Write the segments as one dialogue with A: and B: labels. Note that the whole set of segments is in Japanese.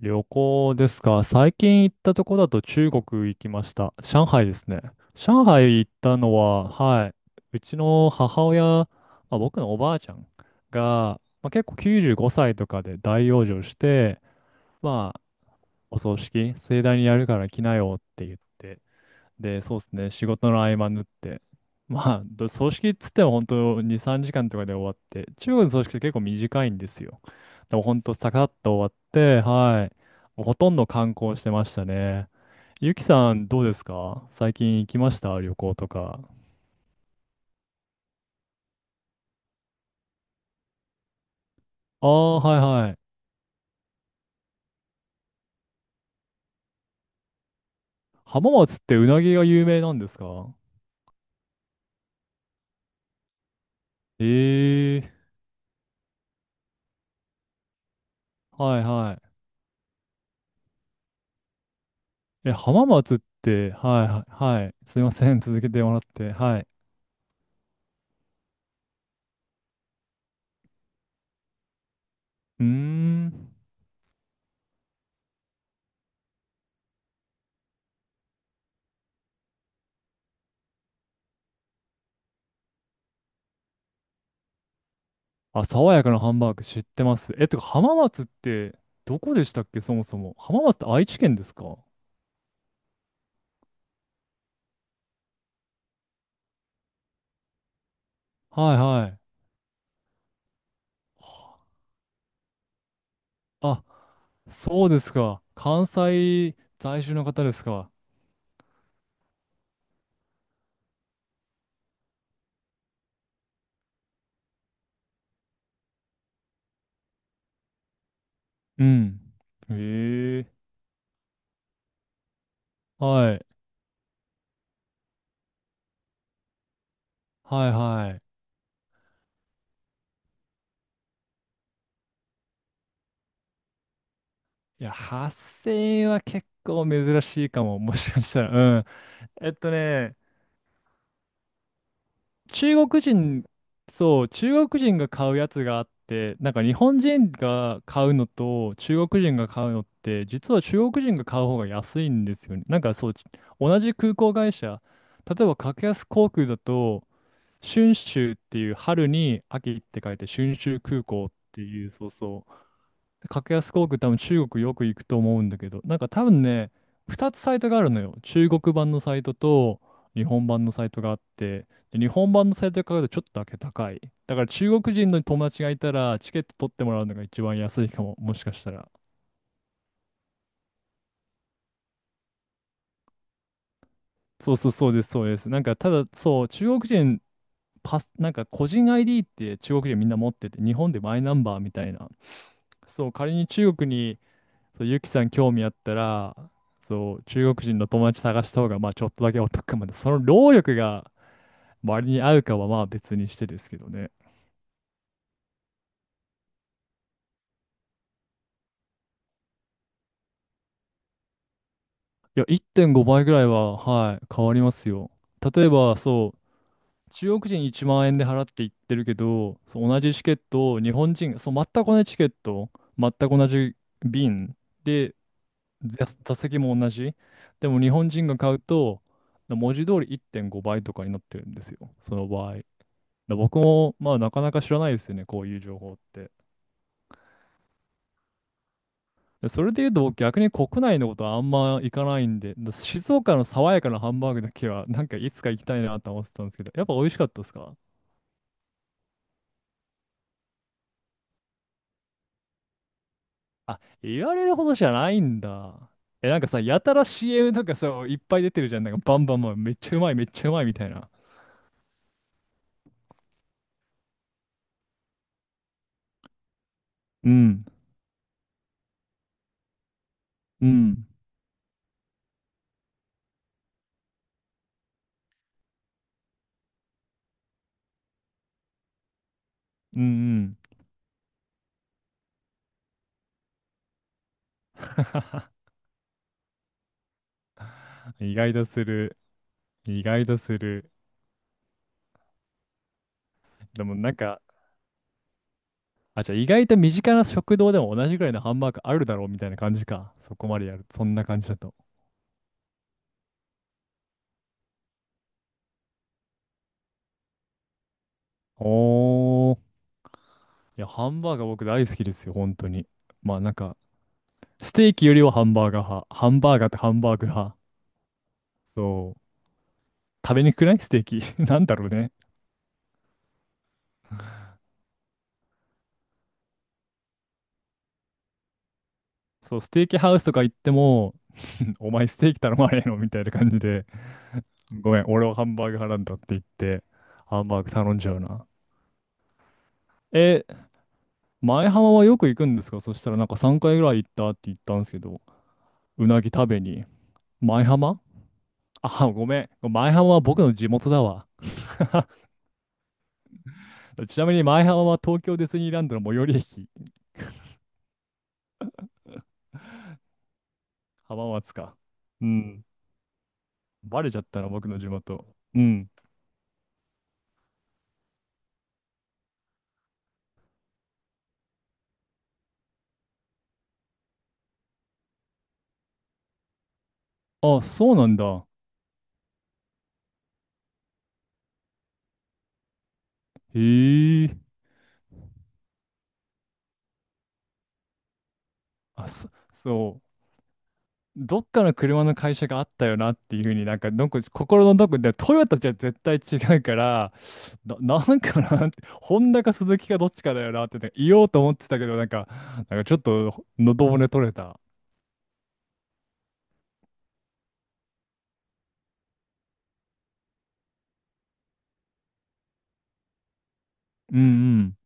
A: 旅行ですか。最近行ったとこだと中国行きました。上海ですね。上海行ったのは、はい、うちの母親、僕のおばあちゃんが、結構95歳とかで大養生して、まあ、お葬式盛大にやるから来なよって言って、で、そうですね、仕事の合間縫って。ど葬式っつっても本当2、3時間とかで終わって、中国の葬式って結構短いんですよ。でも本当、サカッと終わって、はい。もうほとんど観光してましたね。ゆきさん、どうですか、最近行きました旅行とか。ああ、はいはい。浜松ってうなぎが有名なんですか？ええ、ーはいはい。え、浜松って、はいはい、はい。すいません、続けてもらって。はい。うーん。あ、爽やかなハンバーグ知ってます。え、てか浜松ってどこでしたっけ、そもそも。浜松って愛知県ですか？はいはい。はあ、そうですか。関西在住の方ですか。うん。ええ、はい。はいはい。いや、発声は結構珍しいかも。もしかしたら。うん。えっとね、中国人、そう、中国人が買うやつがあって、日本人が買うのと中国人が買うのって、実は中国人が買う方が安いんですよね。同じ空港会社、例えば格安航空だと、春秋っていう春に秋って書いて春秋空港っていう、そうそう。格安航空多分中国よく行くと思うんだけど、なんか多分ね、2つサイトがあるのよ。中国版のサイトと日本版のサイトがあって、で日本版のサイトで買うとちょっとだけ高い。だから中国人の友達がいたらチケット取ってもらうのが一番安いかも、もしかしたら。そうそうそうです、そうです。なんかただそう、中国人パス、個人 ID って中国人みんな持ってて、日本でマイナンバーみたいな。そう、仮に中国に、そう、ゆきさん興味あったら、そう、中国人の友達探した方が、まあ、ちょっとだけお得かもね。その労力が割に合うかは、まあ、別にしてですけどね。いや、1.5倍ぐらいは、はい、変わりますよ。例えば、そう、中国人1万円で払って行ってるけど、そう、同じチケットを日本人、そう、全く同じチケット、全く同じ便で、座席も同じ。でも、日本人が買うと、文字通り1.5倍とかになってるんですよ。その場合。だ僕も、まあ、なかなか知らないですよね、こういう情報って。でそれで言うと、僕逆に国内のことはあんま行かないんで、だ静岡の爽やかなハンバーグだけは、いつか行きたいなと思ってたんですけど、やっぱ美味しかったですか？あ、言われるほどじゃないんだ。え、なんかさ、やたら CM とかさ、いっぱい出てるじゃん。なんかバンバンバン、めっちゃうまい、めっちゃうまいみたいな。うん、うん、うん、うん。意外とする。意外とする。でもなんか、あ、じゃあ意外と身近な食堂でも同じぐらいのハンバーグあるだろうみたいな感じか。そこまでやる。そんな感じだと。おー。いや、ハンバーガー僕大好きですよ、本当に。まあなんか、ステーキよりはハンバーガー派。ハンバーガーってハンバーグ派。そう。食べにくくないステーキ。なんだろうね。そう、ステーキハウスとか行っても、んお前ステーキ頼まねえのみたいな感じで、ごめん、俺はハンバーグ派なんだって言って、ハンバーグ頼んじゃうな。え、前浜はよく行くんですか？そしたらなんか3回ぐらい行ったって言ったんですけど。うなぎ食べに。舞浜、あ、ごめん。舞浜は僕の地元だわ。ちなみに舞浜は東京ディズニーランドの最寄り駅。浜松か。うん。バレちゃったな、僕の地元。うん。あ、そうなんだ。へえ。あ、そ、そう。どっかの車の会社があったよなっていうふうに、なんか、どこ、心のどこで、トヨタじゃ絶対違うから、なんかなって、ホンダかスズキかどっちかだよなってね言おうと思ってたけど、なんかちょっと喉骨取れた。うん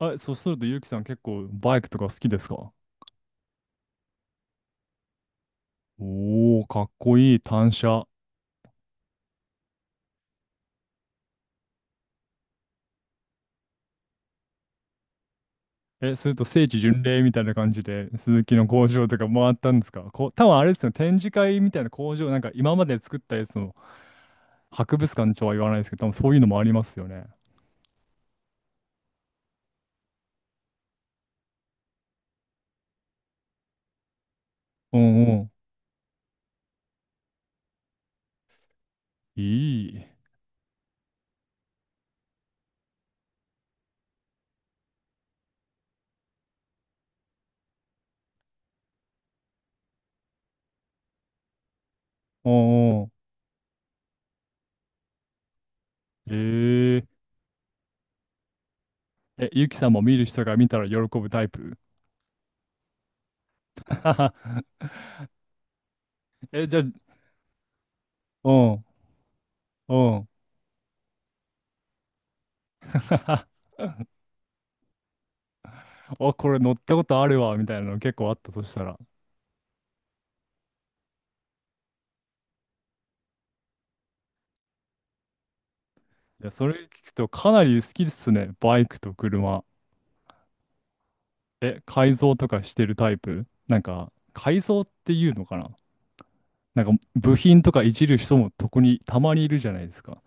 A: うん。え、そするとゆうきさん結構バイクとか好きですか？おー、かっこいい単車。え、それと聖地巡礼みたいな感じで、鈴木の工場とか回ったんですか？こう、多分あれですよね、展示会みたいな工場、なんか今まで作ったやつの博物館とは言わないですけど、多分そういうのもありますよね。うんうん。いい。うんうん。えー、え、ゆうきさんも見る人が見たら喜ぶタイプ？ え、じゃあ、うん、うん。あ、これ乗ったことあるわ、みたいなの結構あったとしたら。いや、それ聞くとかなり好きですね、バイクと車。え、改造とかしてるタイプ？なんか、改造っていうのかな、なんか、部品とかいじる人も特にたまにいるじゃないですか。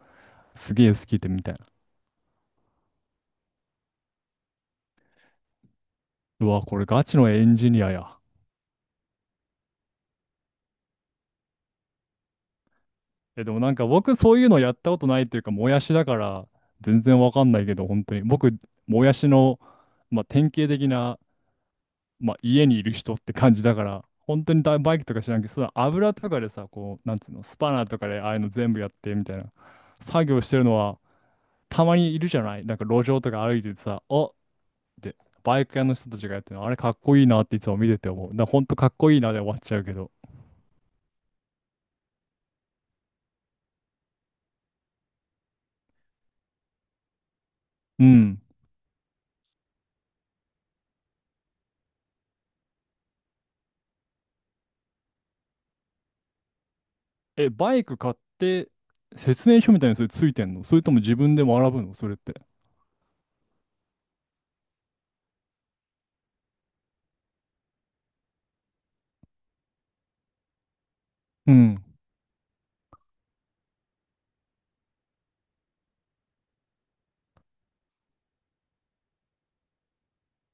A: すげえ好きで、みたいな。うわ、これガチのエンジニアや。え、でもなんか僕そういうのやったことないっていうか、もやしだから全然わかんないけど、本当に。僕、もやしの、まあ、典型的な、まあ、家にいる人って感じだから、本当にだバイクとか知らんけど、その油とかでさ、こう、なんつうの、スパナーとかでああいうの全部やってみたいな、作業してるのは、たまにいるじゃない、なんか路上とか歩いててさ、おって、バイク屋の人たちがやってるの、あれかっこいいなっていつも見てて思う。だ本当かっこいいなで終わっちゃうけど。うん。え、バイク買って、説明書みたいにそれついてんの？それとも自分で学ぶの、それって。うん。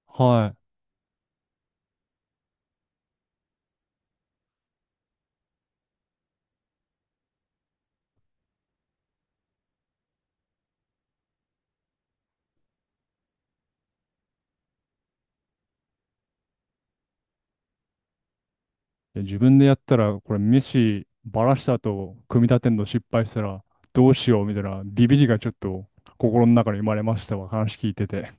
A: はい。で自分でやったら、これ飯バラした後、組み立てんの失敗したらどうしようみたいなビビりがちょっと心の中に生まれましたわ。話聞いてて。